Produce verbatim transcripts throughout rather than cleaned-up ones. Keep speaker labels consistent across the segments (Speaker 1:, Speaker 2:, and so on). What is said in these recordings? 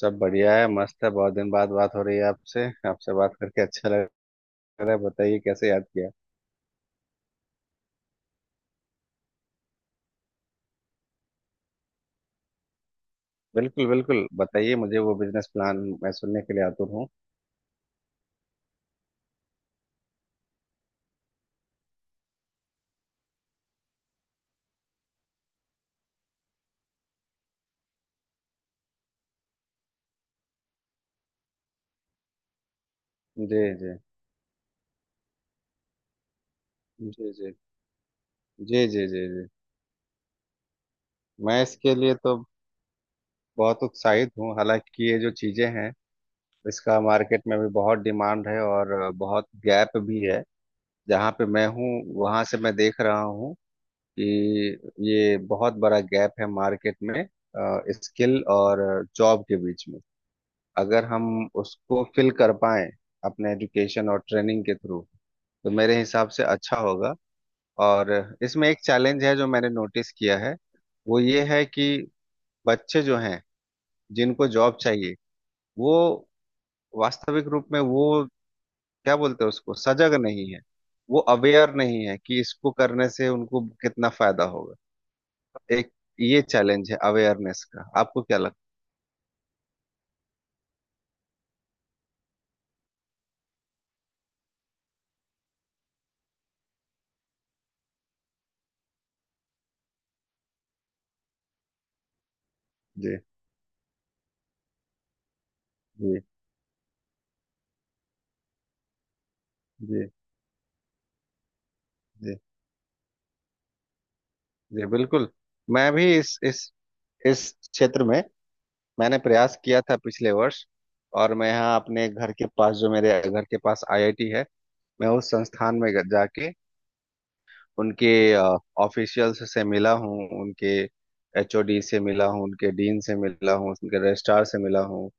Speaker 1: सब बढ़िया है, मस्त है। बहुत दिन बाद बात हो रही है आपसे। आपसे बात करके अच्छा लग रहा है। बताइए, कैसे याद किया। बिल्कुल बिल्कुल, बताइए मुझे वो बिजनेस प्लान। मैं सुनने के लिए आतुर हूँ। जी। जी। जी। जी। जी। जी। जी। जी। मैं इसके लिए तो बहुत उत्साहित हूँ। हालांकि ये जो चीज़ें हैं, इसका मार्केट में भी बहुत डिमांड है और बहुत गैप भी है। जहाँ पे मैं हूँ, वहाँ से मैं देख रहा हूँ कि ये बहुत बड़ा गैप है मार्केट में, स्किल और जॉब के बीच में। अगर हम उसको फिल कर पाए अपने एजुकेशन और ट्रेनिंग के थ्रू, तो मेरे हिसाब से अच्छा होगा। और इसमें एक चैलेंज है जो मैंने नोटिस किया है। वो ये है कि बच्चे जो हैं, जिनको जॉब चाहिए, वो वास्तविक रूप में, वो क्या बोलते हैं, उसको सजग नहीं है। वो अवेयर नहीं है कि इसको करने से उनको कितना फायदा होगा। एक ये चैलेंज है अवेयरनेस का। आपको क्या लगता है? जी। जी। जी। जी। जी बिल्कुल। मैं भी इस इस इस क्षेत्र में मैंने प्रयास किया था पिछले वर्ष। और मैं यहाँ अपने घर के पास, जो मेरे घर के पास आईआईटी है, मैं उस संस्थान में ग- जाके उनके ऑफिशियल्स से मिला हूँ, उनके एचओडी से मिला हूँ, उनके डीन से मिला हूँ, उनके रजिस्ट्रार से मिला हूँ।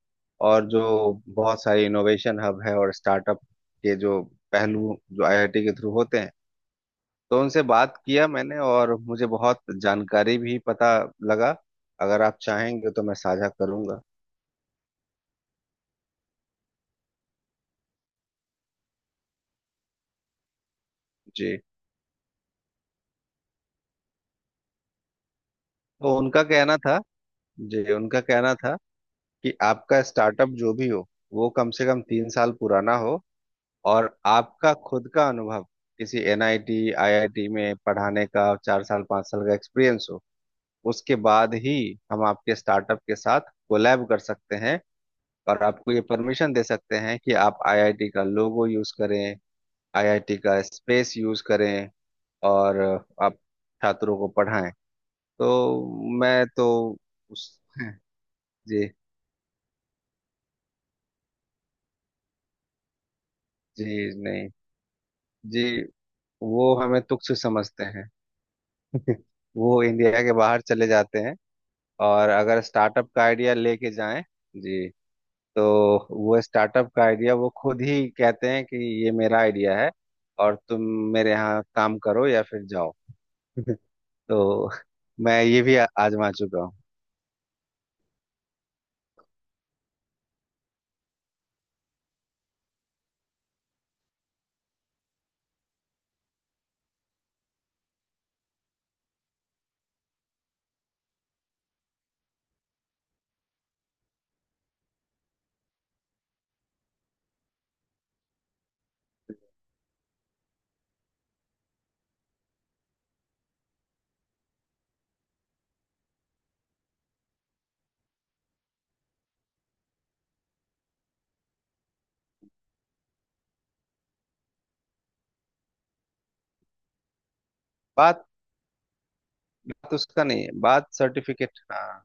Speaker 1: और जो बहुत सारे इनोवेशन हब है और स्टार्टअप के जो पहलू जो आईआईटी के थ्रू होते हैं, तो उनसे बात किया मैंने और मुझे बहुत जानकारी भी पता लगा। अगर आप चाहेंगे तो मैं साझा करूंगा। जी, तो उनका कहना था। जी, उनका कहना था कि आपका स्टार्टअप जो भी हो, वो कम से कम तीन साल पुराना हो। और आपका खुद का अनुभव किसी एनआईटी आईआईटी में पढ़ाने का चार साल पांच साल का एक्सपीरियंस हो। उसके बाद ही हम आपके स्टार्टअप के साथ कोलैब कर सकते हैं, और आपको ये परमिशन दे सकते हैं कि आप आईआईटी का लोगो यूज करें, आईआईटी का स्पेस यूज करें, और आप छात्रों को पढ़ाएं। तो मैं तो उस जी। जी। नहीं। जी। वो हमें तुच्छ समझते हैं। वो इंडिया के बाहर चले जाते हैं। और अगर स्टार्टअप का आइडिया लेके जाएं, जी, तो वो स्टार्टअप का आइडिया वो खुद ही कहते हैं कि ये मेरा आइडिया है, और तुम मेरे यहाँ काम करो या फिर जाओ। तो मैं ये भी आ- आजमा चुका हूँ। बात बात उसका नहीं है, बात सर्टिफिकेट। हाँ।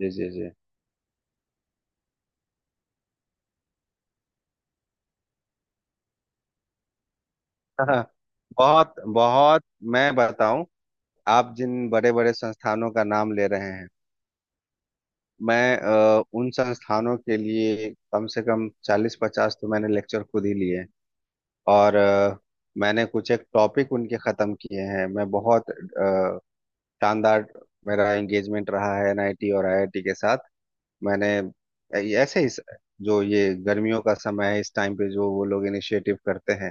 Speaker 1: जी। जी। जी। हाँ। बहुत बहुत, मैं बताऊं, आप जिन बड़े बड़े संस्थानों का नाम ले रहे हैं, मैं अ, उन संस्थानों के लिए कम से कम चालीस पचास तो मैंने लेक्चर खुद ही लिए हैं। और अ, मैंने कुछ एक टॉपिक उनके खत्म किए हैं। मैं बहुत अ, शानदार, मेरा एंगेजमेंट रहा है एनआईटी और आईआईटी के साथ। मैंने ऐसे ही, जो ये गर्मियों का समय है, इस टाइम पे जो वो लोग इनिशिएटिव करते हैं,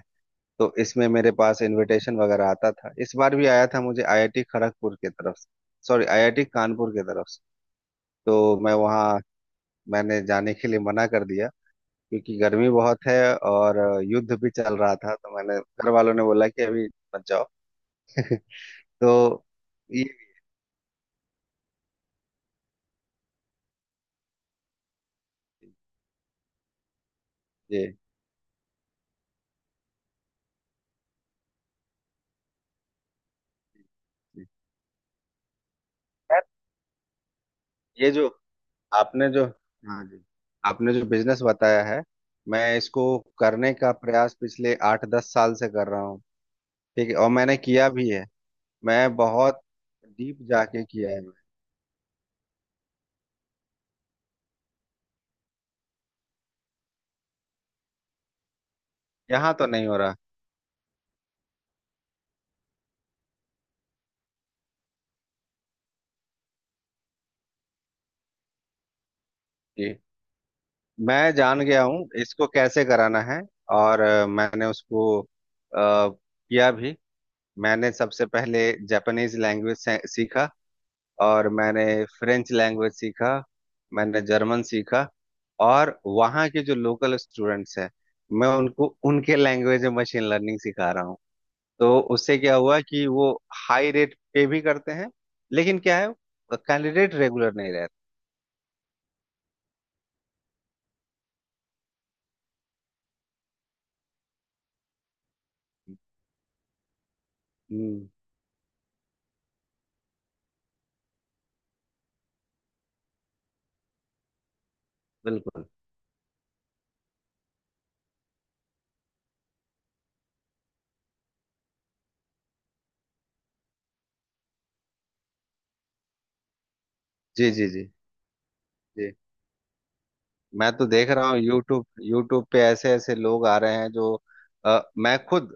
Speaker 1: तो इसमें मेरे पास इनविटेशन वगैरह आता था। इस बार भी आया था, मुझे आईआईटी खड़गपुर की तरफ से, सॉरी, आईआईटी कानपुर की तरफ से। तो मैं वहाँ, मैंने जाने के लिए मना कर दिया, क्योंकि गर्मी बहुत है। और युद्ध भी चल रहा था, तो मैंने, घर वालों ने बोला कि अभी मत जाओ। तो ये ये ये खैर, ये जो आपने जो, हाँ जी, आपने जो बिजनेस बताया है, मैं इसको करने का प्रयास पिछले आठ दस साल से कर रहा हूँ। ठीक है, और मैंने किया भी है। मैं बहुत डीप जाके किया है। मैं, यहाँ तो नहीं हो रहा, कि मैं जान गया हूँ इसको कैसे कराना है। और अ, मैंने उसको अ, किया भी। मैंने सबसे पहले जापानीज लैंग्वेज सीखा, और मैंने फ्रेंच लैंग्वेज सीखा, मैंने जर्मन सीखा। और वहाँ के जो लोकल स्टूडेंट्स हैं, मैं उनको उनके लैंग्वेज में मशीन लर्निंग सिखा रहा हूँ। तो उससे क्या हुआ कि वो हाई रेट पे भी करते हैं, लेकिन क्या है, कैंडिडेट रेगुलर नहीं रहते। हम्म, बिल्कुल। जी। जी। जी। जी। मैं तो देख रहा हूँ, यूट्यूब यूट्यूब पे ऐसे ऐसे लोग आ रहे हैं जो, अ, मैं खुद,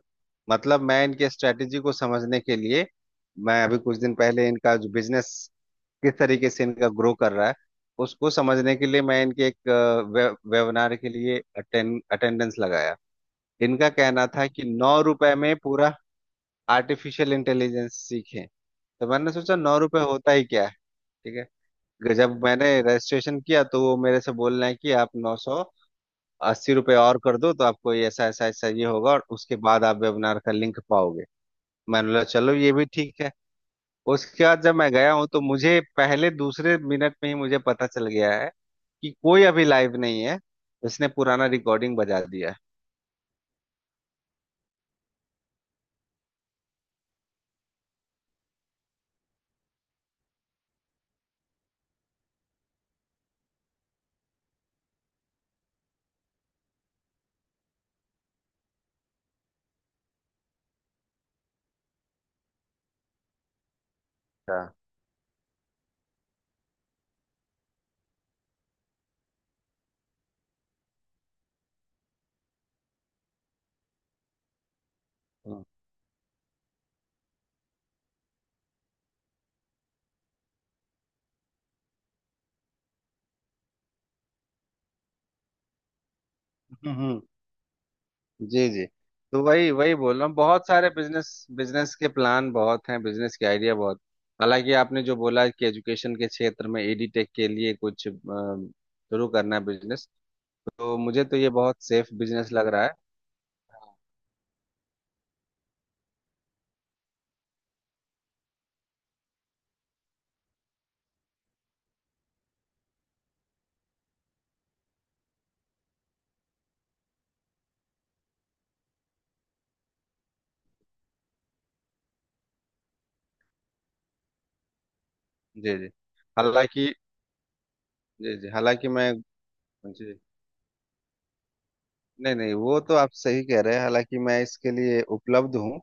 Speaker 1: मतलब मैं इनके स्ट्रेटेजी को समझने के लिए, मैं अभी कुछ दिन पहले, इनका जो बिजनेस किस तरीके से इनका ग्रो कर रहा है उसको समझने के लिए, मैं इनके एक अ, वे, वेबिनार के लिए अटेंड अटेंडेंस लगाया। इनका कहना था कि नौ रुपए में पूरा आर्टिफिशियल इंटेलिजेंस सीखे। तो मैंने सोचा नौ रुपए होता ही क्या है, ठीक है। कि जब मैंने रजिस्ट्रेशन किया, तो वो मेरे से बोल रहे हैं कि आप नौ सौ अस्सी रुपये और कर दो, तो आपको ये ऐसा ऐसा ऐसा ये होगा, और उसके बाद आप वेबिनार का लिंक पाओगे। मैंने बोला, चलो ये भी ठीक है। उसके बाद जब मैं गया हूँ, तो मुझे पहले दूसरे मिनट में ही मुझे पता चल गया है कि कोई अभी लाइव नहीं है, इसने पुराना रिकॉर्डिंग बजा दिया है। अच्छा। हम्म। हम्म, जी। जी, तो वही वही बोल रहा हूँ, बहुत सारे बिजनेस बिजनेस के प्लान बहुत हैं, बिजनेस के आइडिया बहुत। हालांकि आपने जो बोला कि एजुकेशन के क्षेत्र में एडीटेक के लिए कुछ अ, शुरू करना है बिजनेस, तो मुझे तो ये बहुत सेफ बिजनेस लग रहा है। जी। जी। हालांकि जी। जी। हालांकि मैं। जी। नहीं, नहीं, वो तो आप सही कह रहे हैं, हालांकि मैं इसके लिए उपलब्ध हूँ।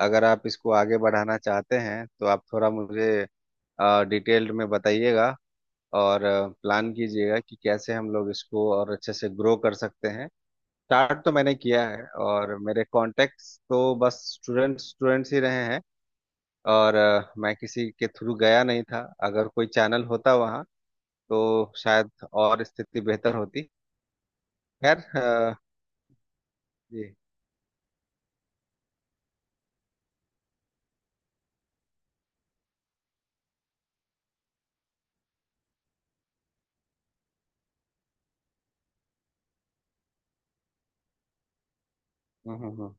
Speaker 1: अगर आप इसको आगे बढ़ाना चाहते हैं, तो आप थोड़ा मुझे डिटेल्ड में बताइएगा, और प्लान कीजिएगा कि कैसे हम लोग इसको और अच्छे से ग्रो कर सकते हैं। स्टार्ट तो मैंने किया है, और मेरे कॉन्टेक्ट्स तो बस स्टूडेंट्स स्टूडेंट्स ही रहे हैं। और अ, मैं किसी के थ्रू गया नहीं था। अगर कोई चैनल होता वहाँ, तो शायद और स्थिति बेहतर होती। खैर अ, जी। हम्म। हम्म। हम्म।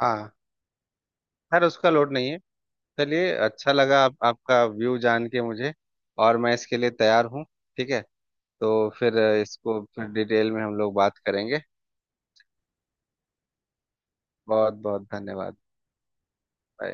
Speaker 1: हाँ। खैर, उसका लोड नहीं है। चलिए, अच्छा लगा आप, आपका व्यू जान के मुझे, और मैं इसके लिए तैयार हूँ, ठीक है। तो फिर अ, इसको फिर डिटेल में हम लोग बात करेंगे। बहुत बहुत धन्यवाद।